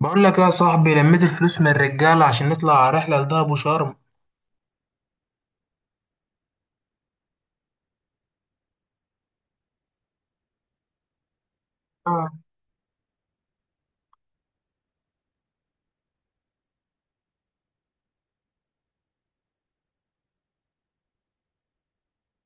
بقول لك يا صاحبي، لميت الفلوس من الرجاله عشان نطلع على رحله لدهب وشرم. آه.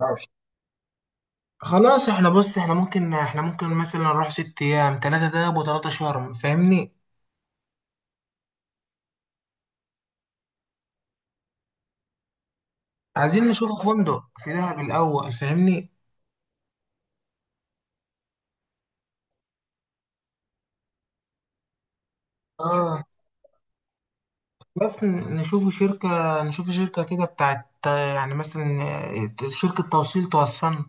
ماشي. خلاص، احنا بص احنا ممكن مثلا نروح 6 ايام، 3 دهب وتلاتة شرم، فاهمني؟ عايزين نشوف فندق في دهب الاول، فاهمني؟ اه، بس نشوف شركة كده بتاعت يعني مثلا شركة توصيل توصلنا.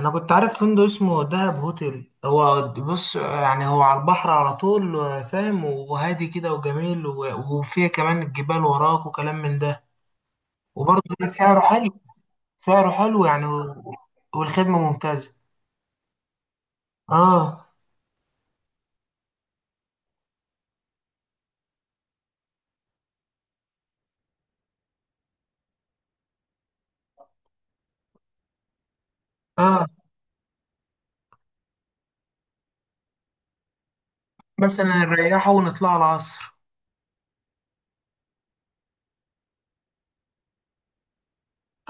انا كنت عارف فندق اسمه دهب هوتيل، هو بص يعني هو على البحر على طول، فاهم؟ وهادي كده وجميل، وفيه كمان الجبال وراك وكلام من ده، وبرضه سعره حلو. سعره حلو يعني والخدمة ممتازة. اه اه، بس انا نريحه ونطلع العصر.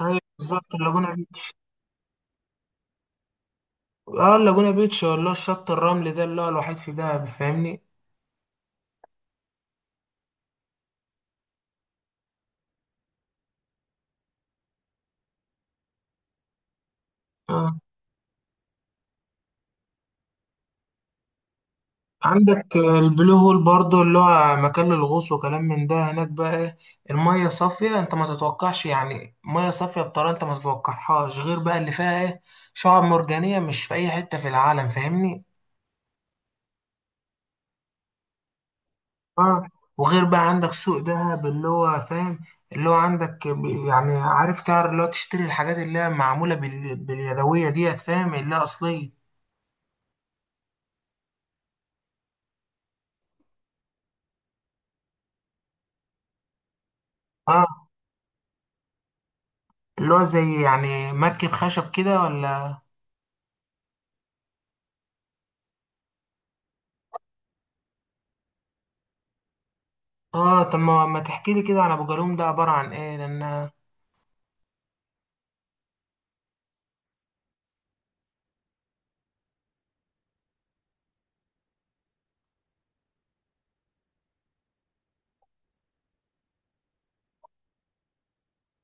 ايوه بالظبط، اللاجونة بيتش. اه، اللاجونة بيتش ولا الشط الرملي ده اللي هو الوحيد في دهب، فاهمني؟ اه، عندك البلو هول برضو اللي هو مكان للغوص وكلام من ده، هناك بقى ايه؟ المية صافية، انت ما تتوقعش، يعني مية صافية بطريقة انت ما تتوقعهاش، غير بقى اللي فيها ايه؟ شعاب مرجانية مش في اي حتة في العالم، فاهمني؟ اه. وغير بقى عندك سوق دهب اللي هو فاهم، اللي هو عندك يعني عارف، تعرف اللي هو تشتري الحاجات اللي هي معمولة باليدوية ديت، فاهم؟ اللي هي أصلية. اه، اللي هو زي يعني مركب خشب كده ولا؟ اه، طب ما تحكي لي كده عن ابو جالوم ده؟ عباره عن ايه لان...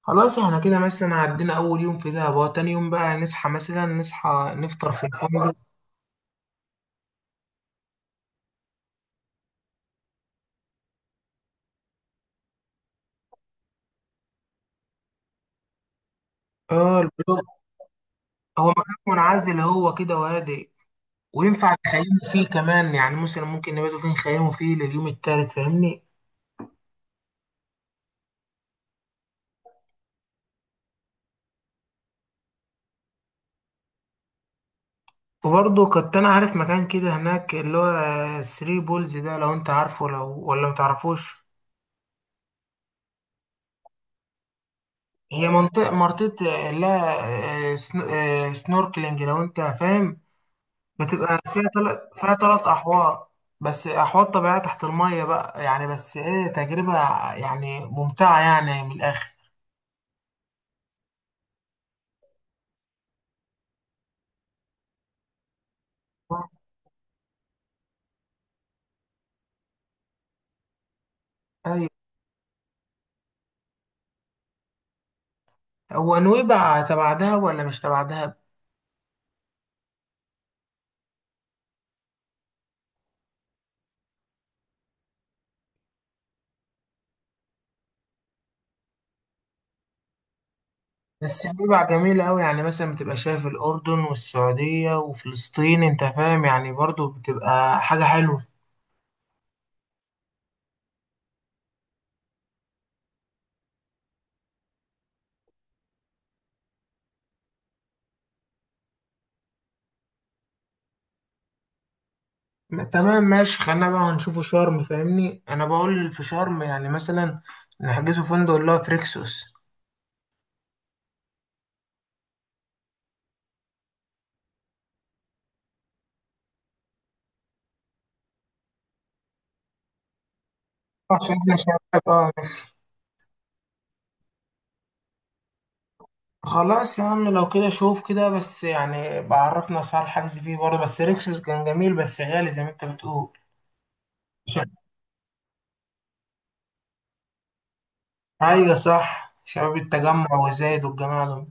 خلاص، احنا كده مثلا عدينا اول يوم في دهب، هو تاني يوم بقى نصحى مثلا، نصحى نفطر في الفندق. اه، البلوك. هو مكان منعزل، هو كده وهادئ، وينفع نخيموا فيه كمان، يعني مثلا ممكن نباتوا فيه، نخيموا فيه لليوم التالت، فاهمني؟ وبرضه كنت انا عارف مكان كده هناك اللي هو الثري بولز ده، لو انت عارفه لو ولا متعرفوش. هي منطقة، لا، سنوركلينج، لو انت فاهم. بتبقى فيها 3، فيها تلات أحواض. بس أحواض طبيعية تحت المية بقى يعني، بس إيه، تجربة يعني ممتعة يعني من الآخر. أيوة. هو نويبع تبع دهب ولا مش تبع دهب؟ بس نويبع جميلة أوي، يعني مثلا بتبقى شايف الأردن والسعودية وفلسطين، أنت فاهم؟ يعني برضو بتبقى حاجة حلوة. تمام ماشي، خلينا بقى نشوفوا شرم، فاهمني؟ أنا بقول في شرم يعني مثلا نحجزوا فندق اللي هو في ريكسوس، عشان احنا شباب. اه ماشي، خلاص يا عم، لو كده شوف كده بس، يعني بعرفنا اسعار الحجز فيه برضه، بس ريكسوس كان جميل بس غالي زي ما انت بتقول. شا- ايوه صح، شباب التجمع وزايد والجماعه دول.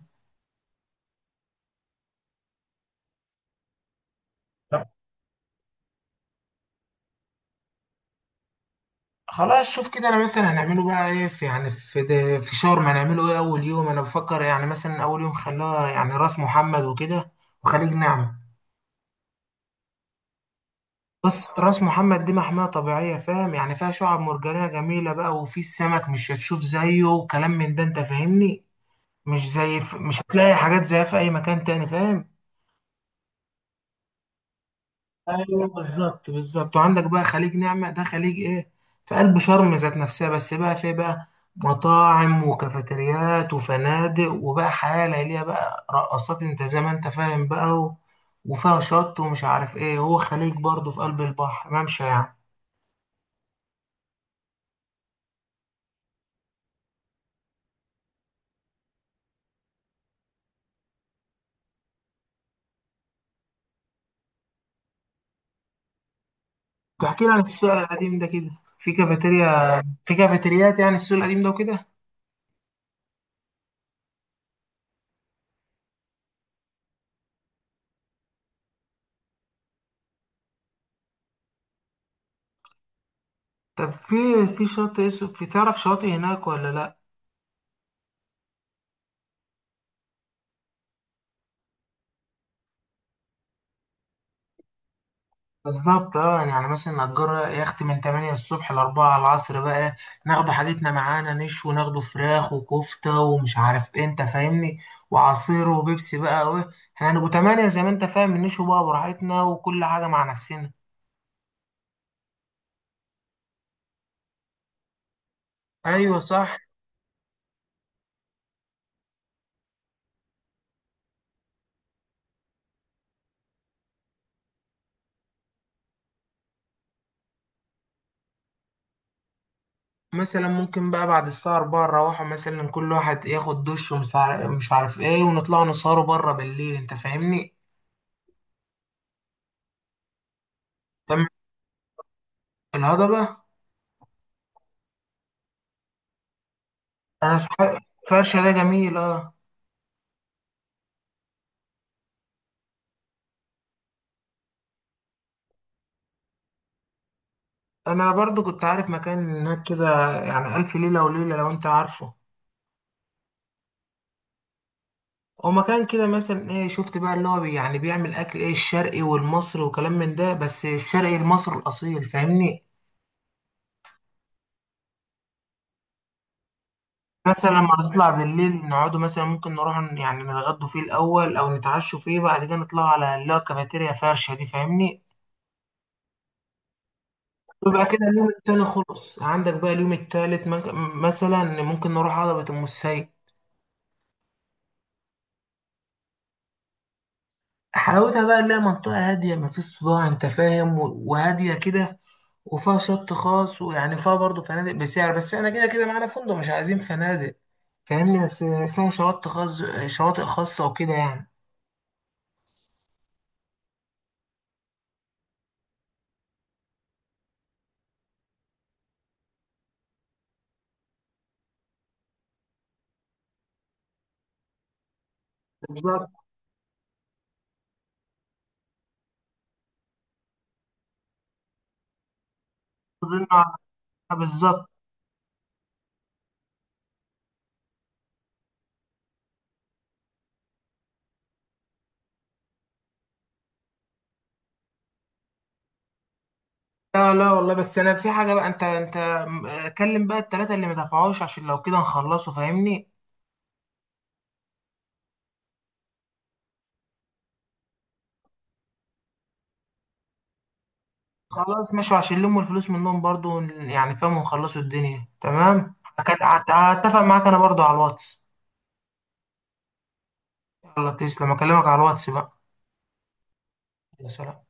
طب خلاص، شوف كده، انا مثلا هنعمله بقى ايه في يعني في ده، في شرم هنعمله ايه اول يوم؟ انا بفكر يعني مثلا اول يوم خلاه يعني راس محمد وكده وخليج نعمة. بس راس محمد دي محمية طبيعية، فاهم؟ يعني فيها شعاب مرجانية جميلة بقى، وفي السمك مش هتشوف زيه وكلام من ده، انت فاهمني؟ مش هتلاقي حاجات زيها في اي مكان تاني، فاهم؟ ايوه، بالظبط، وعندك بقى خليج نعمة، ده خليج ايه، في قلب شرم ذات نفسها، بس بقى فيه بقى مطاعم وكافيتريات وفنادق، وبقى حياة ليلية بقى، رقصات، انت زي ما انت فاهم بقى، و... وفيها شط ومش عارف ايه، هو خليج برضه في قلب البحر، ممشى يعني. تحكي لي عن السوق القديم ده كده؟ في كافيتيريا؟ في كافيتريات يعني السوق القديم ده وكده؟ طب في... في شاطئ اسمه... في تعرف شاطئ هناك ولا لا؟ بالظبط، اه يعني، يعني مثلا نأجر يخت من 8 الصبح ل 4 العصر بقى، ناخد حاجتنا معانا نشوي، ناخده فراخ وكفتة ومش عارف ايه، انت فاهمني؟ وعصير وبيبسي بقى وايه، احنا هنبقوا 8 زي ما انت فاهم، نشوي بقى براحتنا وكل حاجة مع نفسنا. ايوه صح. مثلا ممكن بقى بعد الساعة 4 نروحوا مثلا كل واحد ياخد دش، ومش عارف مش عارف ايه، ونطلع نسهروا بره بالليل، انت فاهمني؟ تمام، الهضبة. انا صح- فرشة ده جميل، اه. انا برضو كنت عارف مكان هناك كده يعني الف ليله وليله، لو انت عارفه. هو مكان كده، مثلا ايه شفت بقى اللي هو يعني بيعمل اكل ايه، الشرقي والمصري وكلام من ده، بس الشرقي المصري الاصيل، فاهمني؟ مثلا لما نطلع بالليل نقعدوا، مثلا ممكن نروح يعني نتغدوا فيه الاول او نتعشوا فيه، بعد كده نطلعوا على اللي هو كافيتيريا فرشه دي، فاهمني؟ ويبقى كده اليوم التاني خلص. عندك بقى اليوم التالت مثلا ممكن نروح هضبة ام السيد. حلاوتها بقى إنها منطقة هادية، مفيش صداع، أنت فاهم؟ وهادية كده، وفيها شط خاص، ويعني فيها برضه فنادق بسعر، بس احنا كده كده معانا فندق مش عايزين فنادق، فاهمني؟ بس فيها شواطئ خاص، شواطئ خاصة وكده يعني. بالظبط. كلنا على- بالظبط. لا لا والله، بس أنا في حاجة بقى، أنت كلم بقى التلاتة اللي مدفعوش عشان لو كده نخلصه، فاهمني؟ خلاص ماشي، عشان نلم الفلوس منهم برضه يعني فاهم، ونخلصوا الدنيا تمام. هتفق معاك أنا برضه على الواتس. الله تسلم، اكلمك على الواتس بقى. يا سلام.